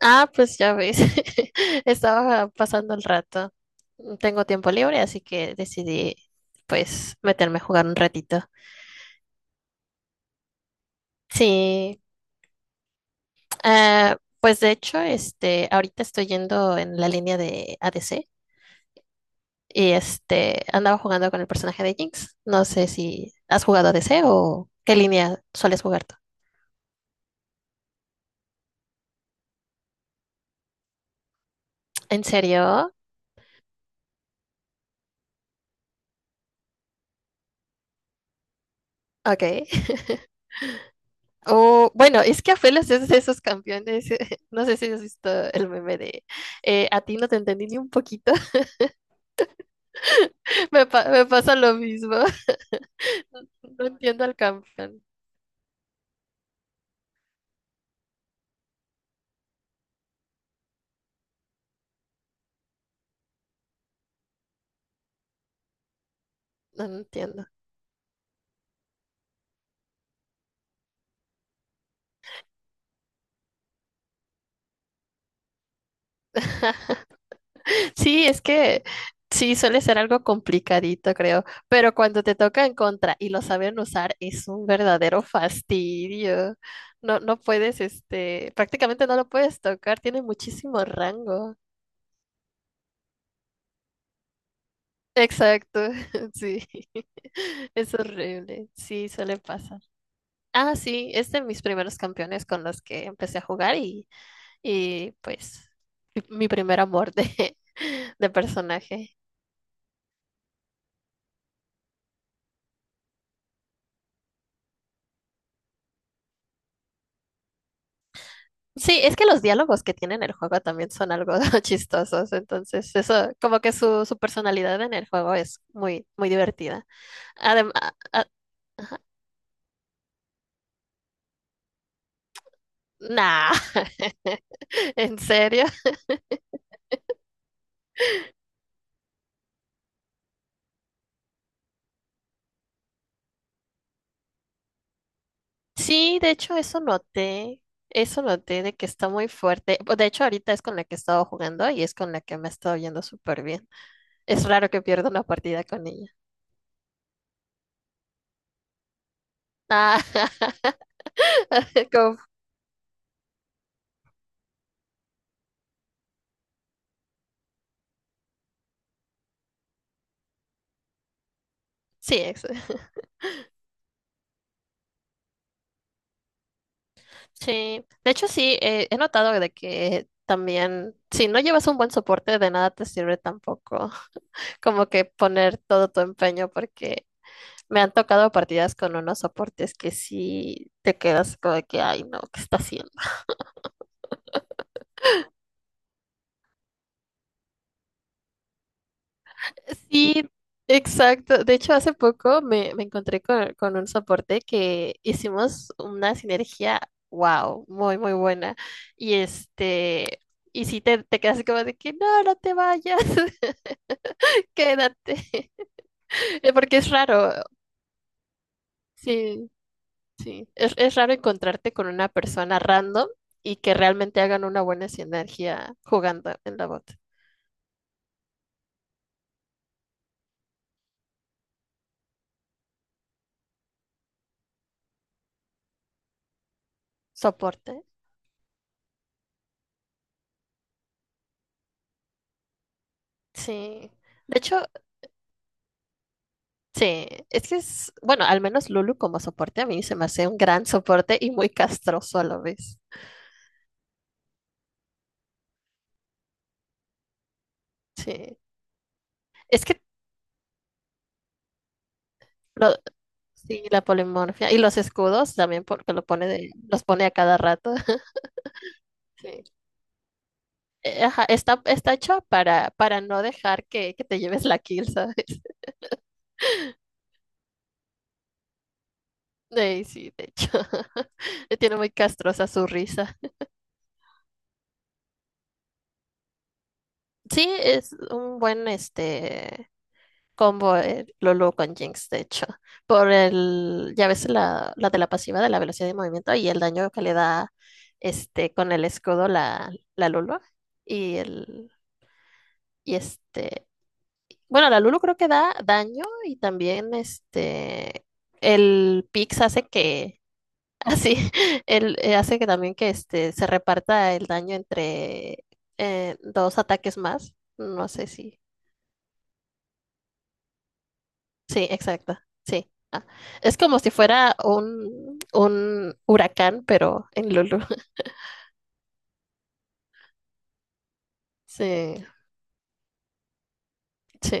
Ah, pues ya ves, estaba pasando el rato. Tengo tiempo libre, así que decidí pues meterme a jugar un ratito. Sí, ah, pues de hecho, este, ahorita estoy yendo en la línea de ADC y este, andaba jugando con el personaje de Jinx. No sé si has jugado ADC o qué línea sueles jugar tú. ¿En serio? Ok. O, bueno, es que Afelas es de esos campeones. No sé si has visto el meme de a ti no te entendí ni un poquito. Me, me pasa lo mismo. No entiendo al campeón. No, no entiendo. Sí, es que sí, suele ser algo complicadito, creo. Pero cuando te toca en contra y lo saben usar, es un verdadero fastidio. No, no puedes, este, prácticamente no lo puedes tocar. Tiene muchísimo rango. Exacto, sí. Es horrible. Sí, suele pasar. Ah, sí, es de mis primeros campeones con los que empecé a jugar y pues mi primer amor de, de personaje. Sí, es que los diálogos que tiene en el juego también son algo chistosos, entonces eso, como que su personalidad en el juego es muy, muy divertida. Además, nah, ¿en serio? Sí, de hecho eso noté de que está muy fuerte. De hecho ahorita es con la que he estado jugando y es con la que me ha estado yendo súper bien. Es raro que pierda una partida con ella. Ah, como- sí, eso. Sí, de hecho sí, he notado de que también si no llevas un buen soporte de nada te sirve tampoco como que poner todo tu empeño porque me han tocado partidas con unos soportes que sí te quedas como de que, ay no, ¿qué está haciendo? Sí, exacto. De hecho, hace poco me, me encontré con un soporte que hicimos una sinergia, wow, muy, muy buena. Y este, y sí te quedas así como de que no, no te vayas, quédate. Porque es raro, sí, sí. Es raro encontrarte con una persona random y que realmente hagan una buena sinergia jugando en la bot. Soporte. Sí. De hecho, sí, es que es, bueno, al menos Lulu como soporte a mí se me hace un gran soporte y muy castroso a la vez. Sí, es que lo- sí, la polimorfia y los escudos también porque lo pone de, los pone a cada rato. Sí. Ajá, está, está hecho para no dejar que te lleves la kill, ¿sabes? Ey, sí, de hecho, le tiene muy castrosa su risa. Sí, es un buen este combo Lulu con Jinx, de hecho. Por el, ya ves la, la de la pasiva de la velocidad de movimiento y el daño que le da este con el escudo la, la Lulu. Y el, y este, bueno, la Lulu creo que da daño y también este el Pix hace que así el hace que también que este se reparta el daño entre dos ataques más. No sé si. Sí, exacto. Sí. Ah, es como si fuera un huracán, pero en Lulu. Sí, sí,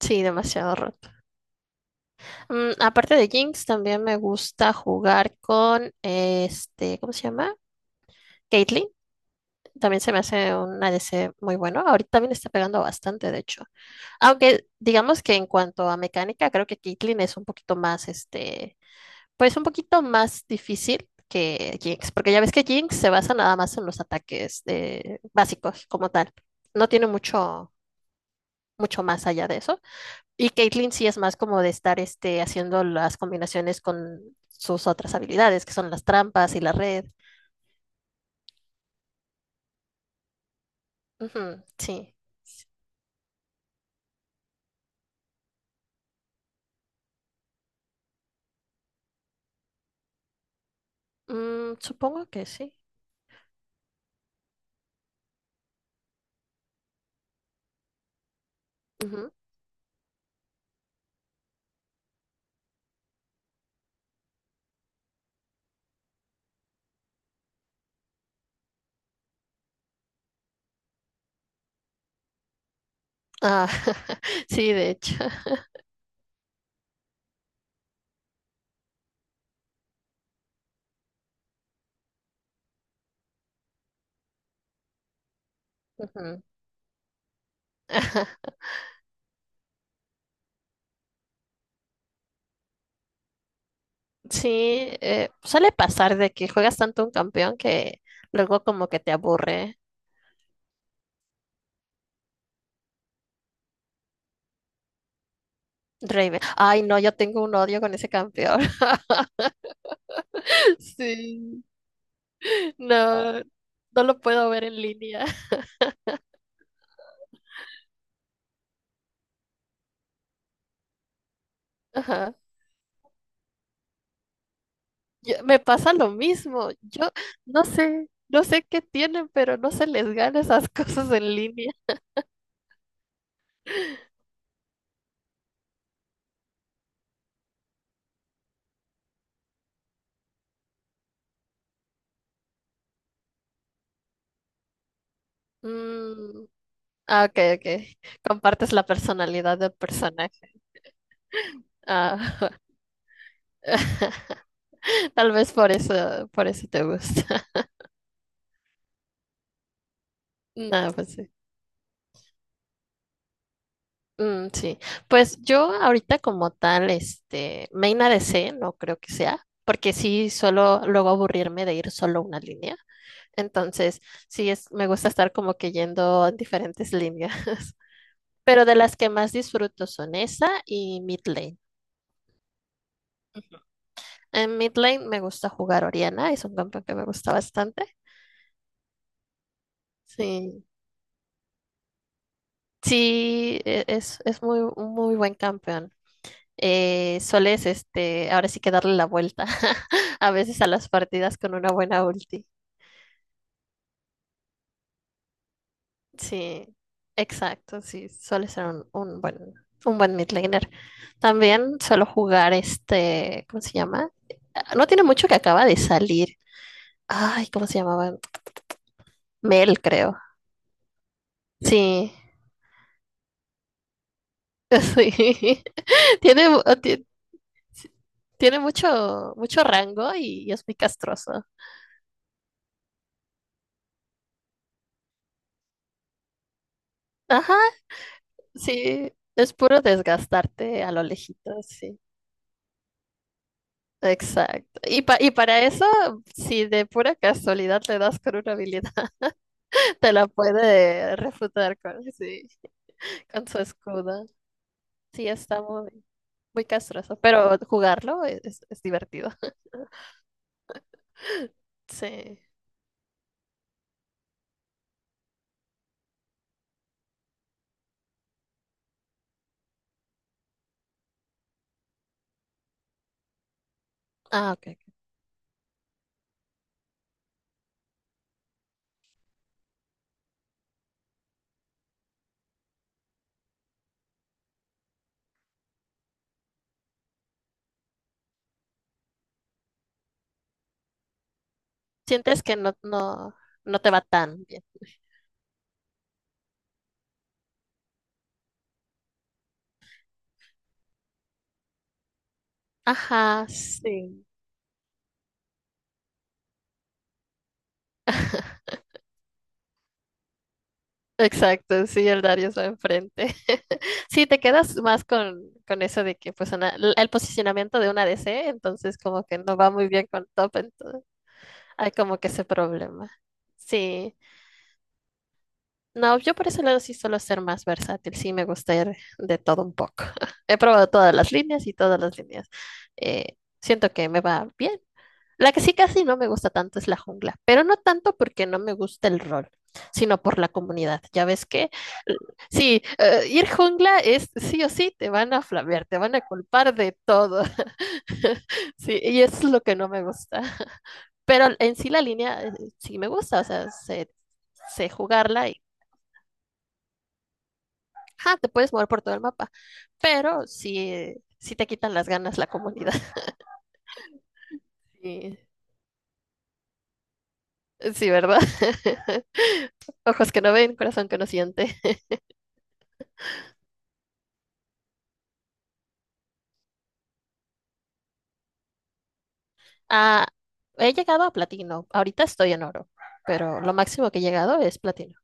sí, demasiado roto. Mm, aparte de Jinx, también me gusta jugar con este, ¿cómo se llama? Caitlyn. También se me hace un ADC muy bueno. Ahorita también está pegando bastante, de hecho. Aunque digamos que en cuanto a mecánica, creo que Caitlyn es un poquito más este pues un poquito más difícil que Jinx, porque ya ves que Jinx se basa nada más en los ataques básicos como tal. No tiene mucho, mucho más allá de eso. Y Caitlyn sí es más como de estar este, haciendo las combinaciones con sus otras habilidades, que son las trampas y la red. Ujú, sí. Mm, supongo que sí. Ujú. Ah, sí, de hecho. Ujú. Ajá. Sí, suele pasar de que juegas tanto un campeón que luego como que te aburre Raven. Ay, no, yo tengo un odio con ese campeón. Sí. No, no lo puedo ver en línea. Ajá. Yo- me pasa lo mismo. Yo no sé, no sé qué tienen, pero no se les gana esas cosas en línea. Mm, ah, ok, ok. Compartes la personalidad del personaje. Ah, tal vez por eso te gusta. No, pues sí. Mm, sí, pues yo ahorita como tal, este, main A D C no creo que sea, porque sí suelo luego aburrirme de ir solo una línea. Entonces, sí es, me gusta estar como que yendo en diferentes líneas. Pero de las que más disfruto son esa y mid lane. En mid lane me gusta jugar Oriana, es un campeón que me gusta bastante. Sí, sí, es muy, un muy buen campeón. Sueles, este, ahora sí que darle la vuelta a veces a las partidas con una buena ulti. Sí, exacto, sí, suele ser un buen mid laner. También suelo jugar este, ¿cómo se llama? Ah, no tiene mucho que acaba de salir. Ay, ¿cómo se llamaba? Mel, creo. Sí, sí. Tiene, tiene mucho, mucho rango y es muy castroso. Ajá. Sí, es puro desgastarte a lo lejitos, sí. Exacto. Y, y para eso, si de pura casualidad le das con una habilidad, te la puede refutar con, sí, con su escudo. Sí, está muy, muy castroso, pero jugarlo es, es divertido. Sí. Ah, ok. Ok. Sientes que no, no, no te va tan bien. Ajá, sí. Exacto, sí, el Dario está enfrente. Sí, te quedas más con eso de que pues el posicionamiento de una DC, entonces como que no va muy bien con top, entonces hay como que ese problema. Sí, no, yo por ese lado sí suelo ser más versátil, sí me gusta ir de todo un poco. He probado todas las líneas y todas las líneas. Siento que me va bien. La que sí casi no me gusta tanto es la jungla, pero no tanto porque no me gusta el rol, sino por la comunidad. Ya ves que sí, ir jungla es sí o sí, te van a flamear, te van a culpar de todo. Sí, y eso es lo que no me gusta. Pero en sí la línea sí me gusta, o sea, sé jugarla y ajá, te puedes mover por todo el mapa. Pero sí, sí te quitan las ganas la comunidad. Sí, sí, ¿verdad? Ojos que no ven, corazón que no siente. Ah, he llegado a platino, ahorita estoy en oro, pero lo máximo que he llegado es platino.